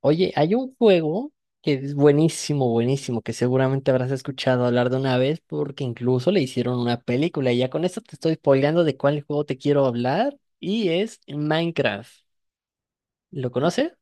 Oye, hay un juego que es buenísimo, buenísimo, que seguramente habrás escuchado hablar de una vez porque incluso le hicieron una película, y ya con esto te estoy spoileando de cuál juego te quiero hablar, y es Minecraft. ¿Lo conoces?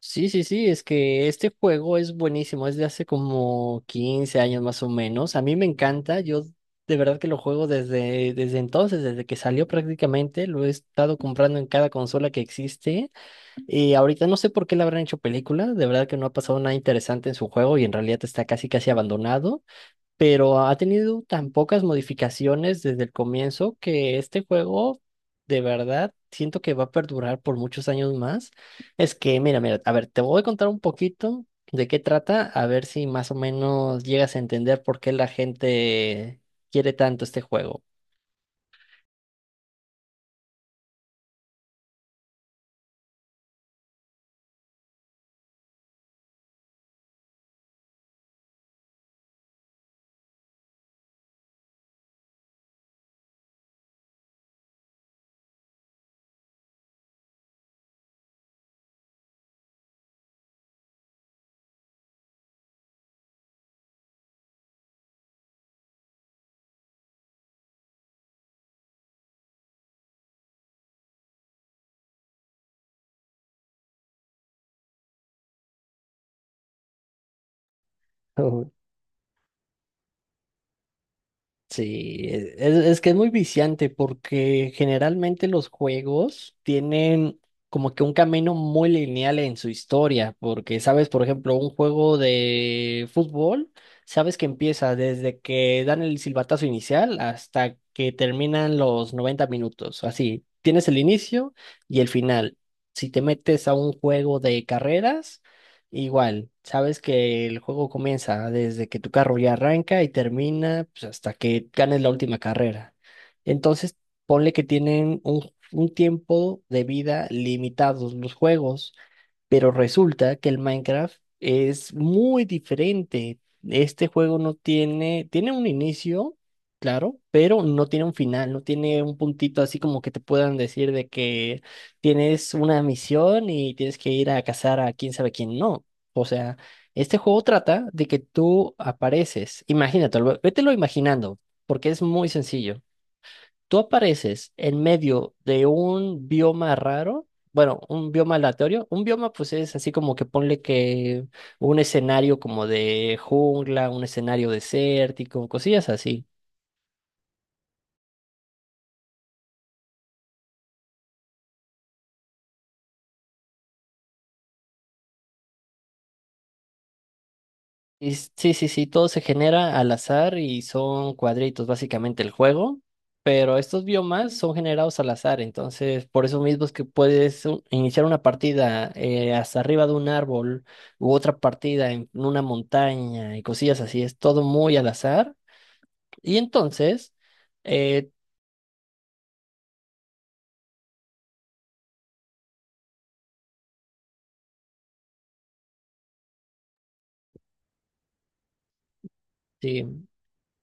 Sí, sí, sí, es que este juego es buenísimo, es de hace como 15 años más o menos. A mí me encanta. Yo de verdad que lo juego desde entonces, desde que salió prácticamente. Lo he estado comprando en cada consola que existe. Y ahorita no sé por qué le habrán hecho película, de verdad que no ha pasado nada interesante en su juego y en realidad está casi casi abandonado, pero ha tenido tan pocas modificaciones desde el comienzo que este juego de verdad siento que va a perdurar por muchos años más. Es que, mira, mira, a ver, te voy a contar un poquito de qué trata, a ver si más o menos llegas a entender por qué la gente quiere tanto este juego. Sí, es que es muy viciante, porque generalmente los juegos tienen como que un camino muy lineal en su historia, porque sabes, por ejemplo, un juego de fútbol, sabes que empieza desde que dan el silbatazo inicial hasta que terminan los 90 minutos. Así, tienes el inicio y el final. Si te metes a un juego de carreras, igual, sabes que el juego comienza desde que tu carro ya arranca y termina, pues, hasta que ganes la última carrera. Entonces, ponle que tienen un tiempo de vida limitados los juegos. Pero resulta que el Minecraft es muy diferente. Este juego no tiene, tiene un inicio, claro, pero no tiene un final, no tiene un puntito así como que te puedan decir de que tienes una misión y tienes que ir a cazar a quién sabe quién. No. O sea, este juego trata de que tú apareces. Imagínatelo, vételo imaginando, porque es muy sencillo. Tú apareces en medio de un bioma raro, bueno, un bioma aleatorio. Un bioma, pues, es así como que ponle que un escenario como de jungla, un escenario desértico, cosillas así. Y sí, sí, sí, todo se genera al azar y son cuadritos básicamente el juego, pero estos biomas son generados al azar, entonces por eso mismo es que puedes iniciar una partida hasta arriba de un árbol u otra partida en una montaña y cosillas así. Es todo muy al azar. Y entonces, eh, sí.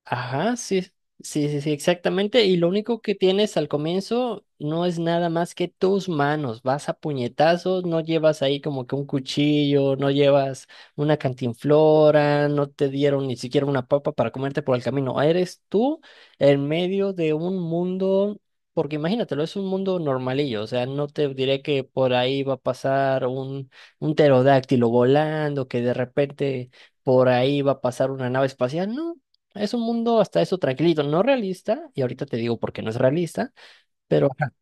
Ajá, sí, sí, sí, sí, exactamente. Y lo único que tienes al comienzo no es nada más que tus manos. Vas a puñetazos, no llevas ahí como que un cuchillo, no llevas una cantinflora, no te dieron ni siquiera una papa para comerte por el camino. Eres tú en medio de un mundo, porque imagínatelo, es un mundo normalillo. O sea, no te diré que por ahí va a pasar un pterodáctilo volando, que de repente por ahí va a pasar una nave espacial. No. Es un mundo hasta eso tranquilito, no realista, y ahorita te digo por qué no es realista, pero ajá.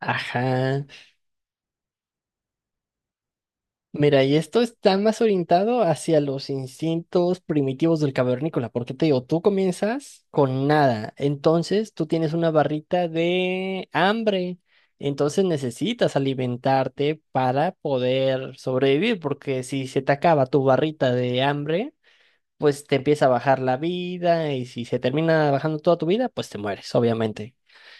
Ajá. Mira, y esto está más orientado hacia los instintos primitivos del cavernícola, porque te digo, tú comienzas con nada, entonces tú tienes una barrita de hambre, entonces necesitas alimentarte para poder sobrevivir, porque si se te acaba tu barrita de hambre, pues te empieza a bajar la vida, y si se termina bajando toda tu vida, pues te mueres, obviamente.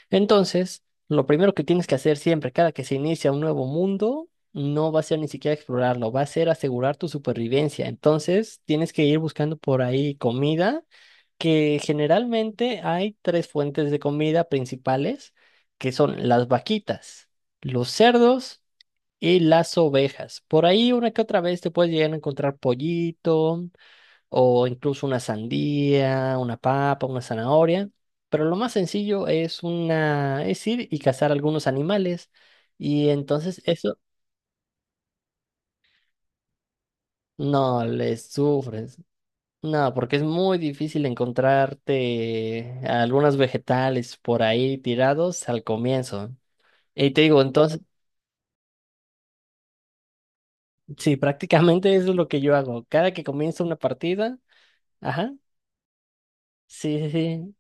Entonces, lo primero que tienes que hacer siempre, cada que se inicia un nuevo mundo, no va a ser ni siquiera explorarlo, va a ser asegurar tu supervivencia. Entonces, tienes que ir buscando por ahí comida, que generalmente hay tres fuentes de comida principales, que son las vaquitas, los cerdos y las ovejas. Por ahí una que otra vez te puedes llegar a encontrar pollito, o incluso una sandía, una papa, una zanahoria. Pero lo más sencillo es es ir y cazar algunos animales. Y entonces eso no les sufres. No, porque es muy difícil encontrarte algunos vegetales por ahí tirados al comienzo. Y te digo, entonces, sí, prácticamente eso es lo que yo hago. Cada que comienza una partida, ajá, sí, sí, sí.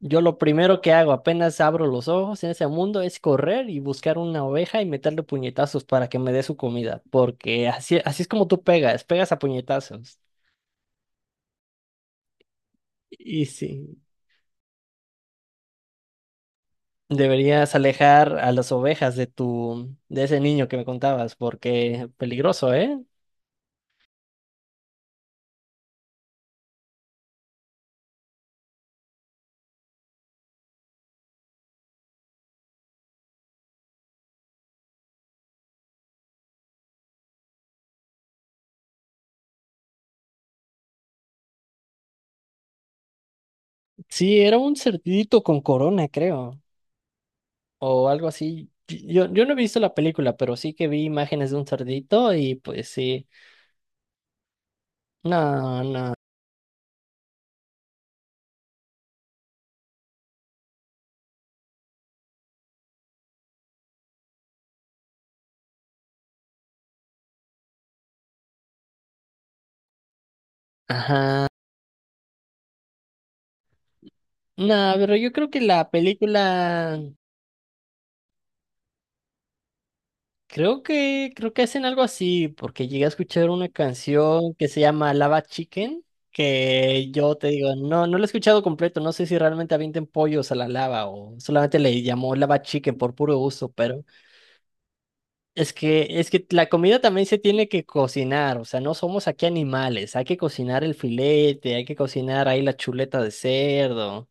Yo lo primero que hago apenas abro los ojos en ese mundo es correr y buscar una oveja y meterle puñetazos para que me dé su comida, porque así, así es como tú pegas, pegas a puñetazos. Y sí, deberías alejar a las ovejas de tu, de ese niño que me contabas, porque peligroso, ¿eh? Sí, era un cerdito con corona, creo, o algo así. Yo no he visto la película, pero sí que vi imágenes de un cerdito y pues sí. No, no. Ajá. Nada, pero yo creo que la película, creo que hacen algo así, porque llegué a escuchar una canción que se llama Lava Chicken, que yo te digo, no, no la he escuchado completo, no sé si realmente avienten pollos a la lava o solamente le llamó Lava Chicken por puro gusto, pero es que la comida también se tiene que cocinar, o sea, no somos aquí animales, hay que cocinar el filete, hay que cocinar ahí la chuleta de cerdo.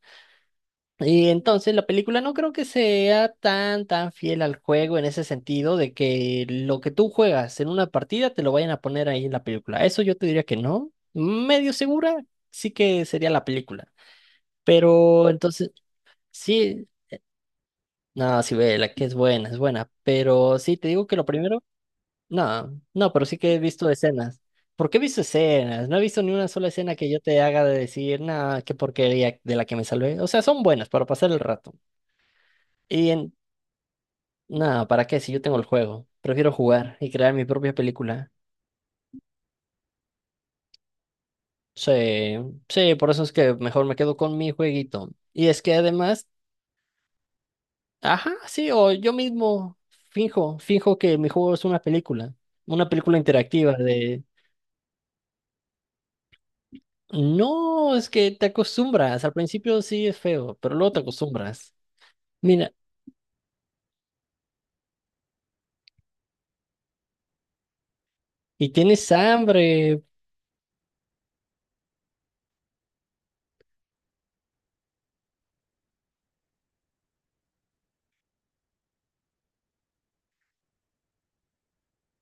Y entonces la película no creo que sea tan tan fiel al juego en ese sentido de que lo que tú juegas en una partida te lo vayan a poner ahí en la película. Eso yo te diría que no. Medio segura sí que sería la película. Pero entonces sí, no, sí ve la que es buena, pero sí te digo que lo primero, no, no, pero sí que he visto escenas. ¿Por qué he visto escenas? No he visto ni una sola escena que yo te haga de decir, nada, qué porquería de la que me salvé. O sea, son buenas para pasar el rato. Y en- nada, ¿para qué? Si yo tengo el juego. Prefiero jugar y crear mi propia película. Sí, sí, por eso es que mejor me quedo con mi jueguito. Y es que además, ajá, sí, o yo mismo finjo que mi juego es una película interactiva de... No, es que te acostumbras. Al principio sí es feo, pero luego te acostumbras. Mira, y tienes hambre.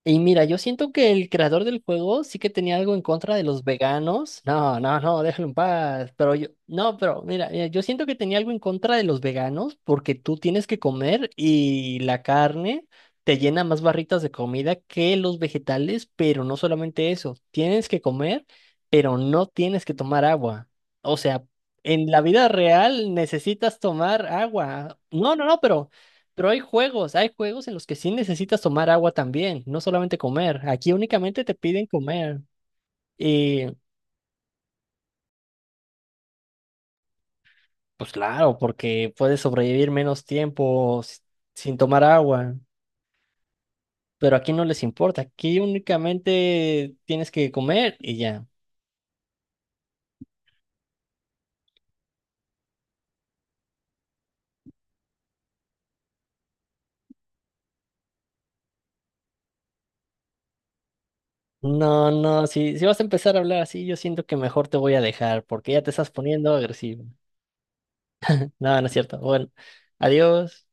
Y mira, yo siento que el creador del juego sí que tenía algo en contra de los veganos. No, no, no, déjalo en paz. Pero yo, no, pero mira, mira, yo siento que tenía algo en contra de los veganos porque tú tienes que comer y la carne te llena más barritas de comida que los vegetales, pero no solamente eso, tienes que comer, pero no tienes que tomar agua. O sea, en la vida real necesitas tomar agua. No, no, no, pero... Pero hay juegos en los que sí necesitas tomar agua también, no solamente comer. Aquí únicamente te piden comer. Y pues claro, porque puedes sobrevivir menos tiempo sin tomar agua. Pero aquí no les importa, aquí únicamente tienes que comer y ya. No, no, si vas a empezar a hablar así, yo siento que mejor te voy a dejar porque ya te estás poniendo agresivo. No, no es cierto. Bueno, adiós.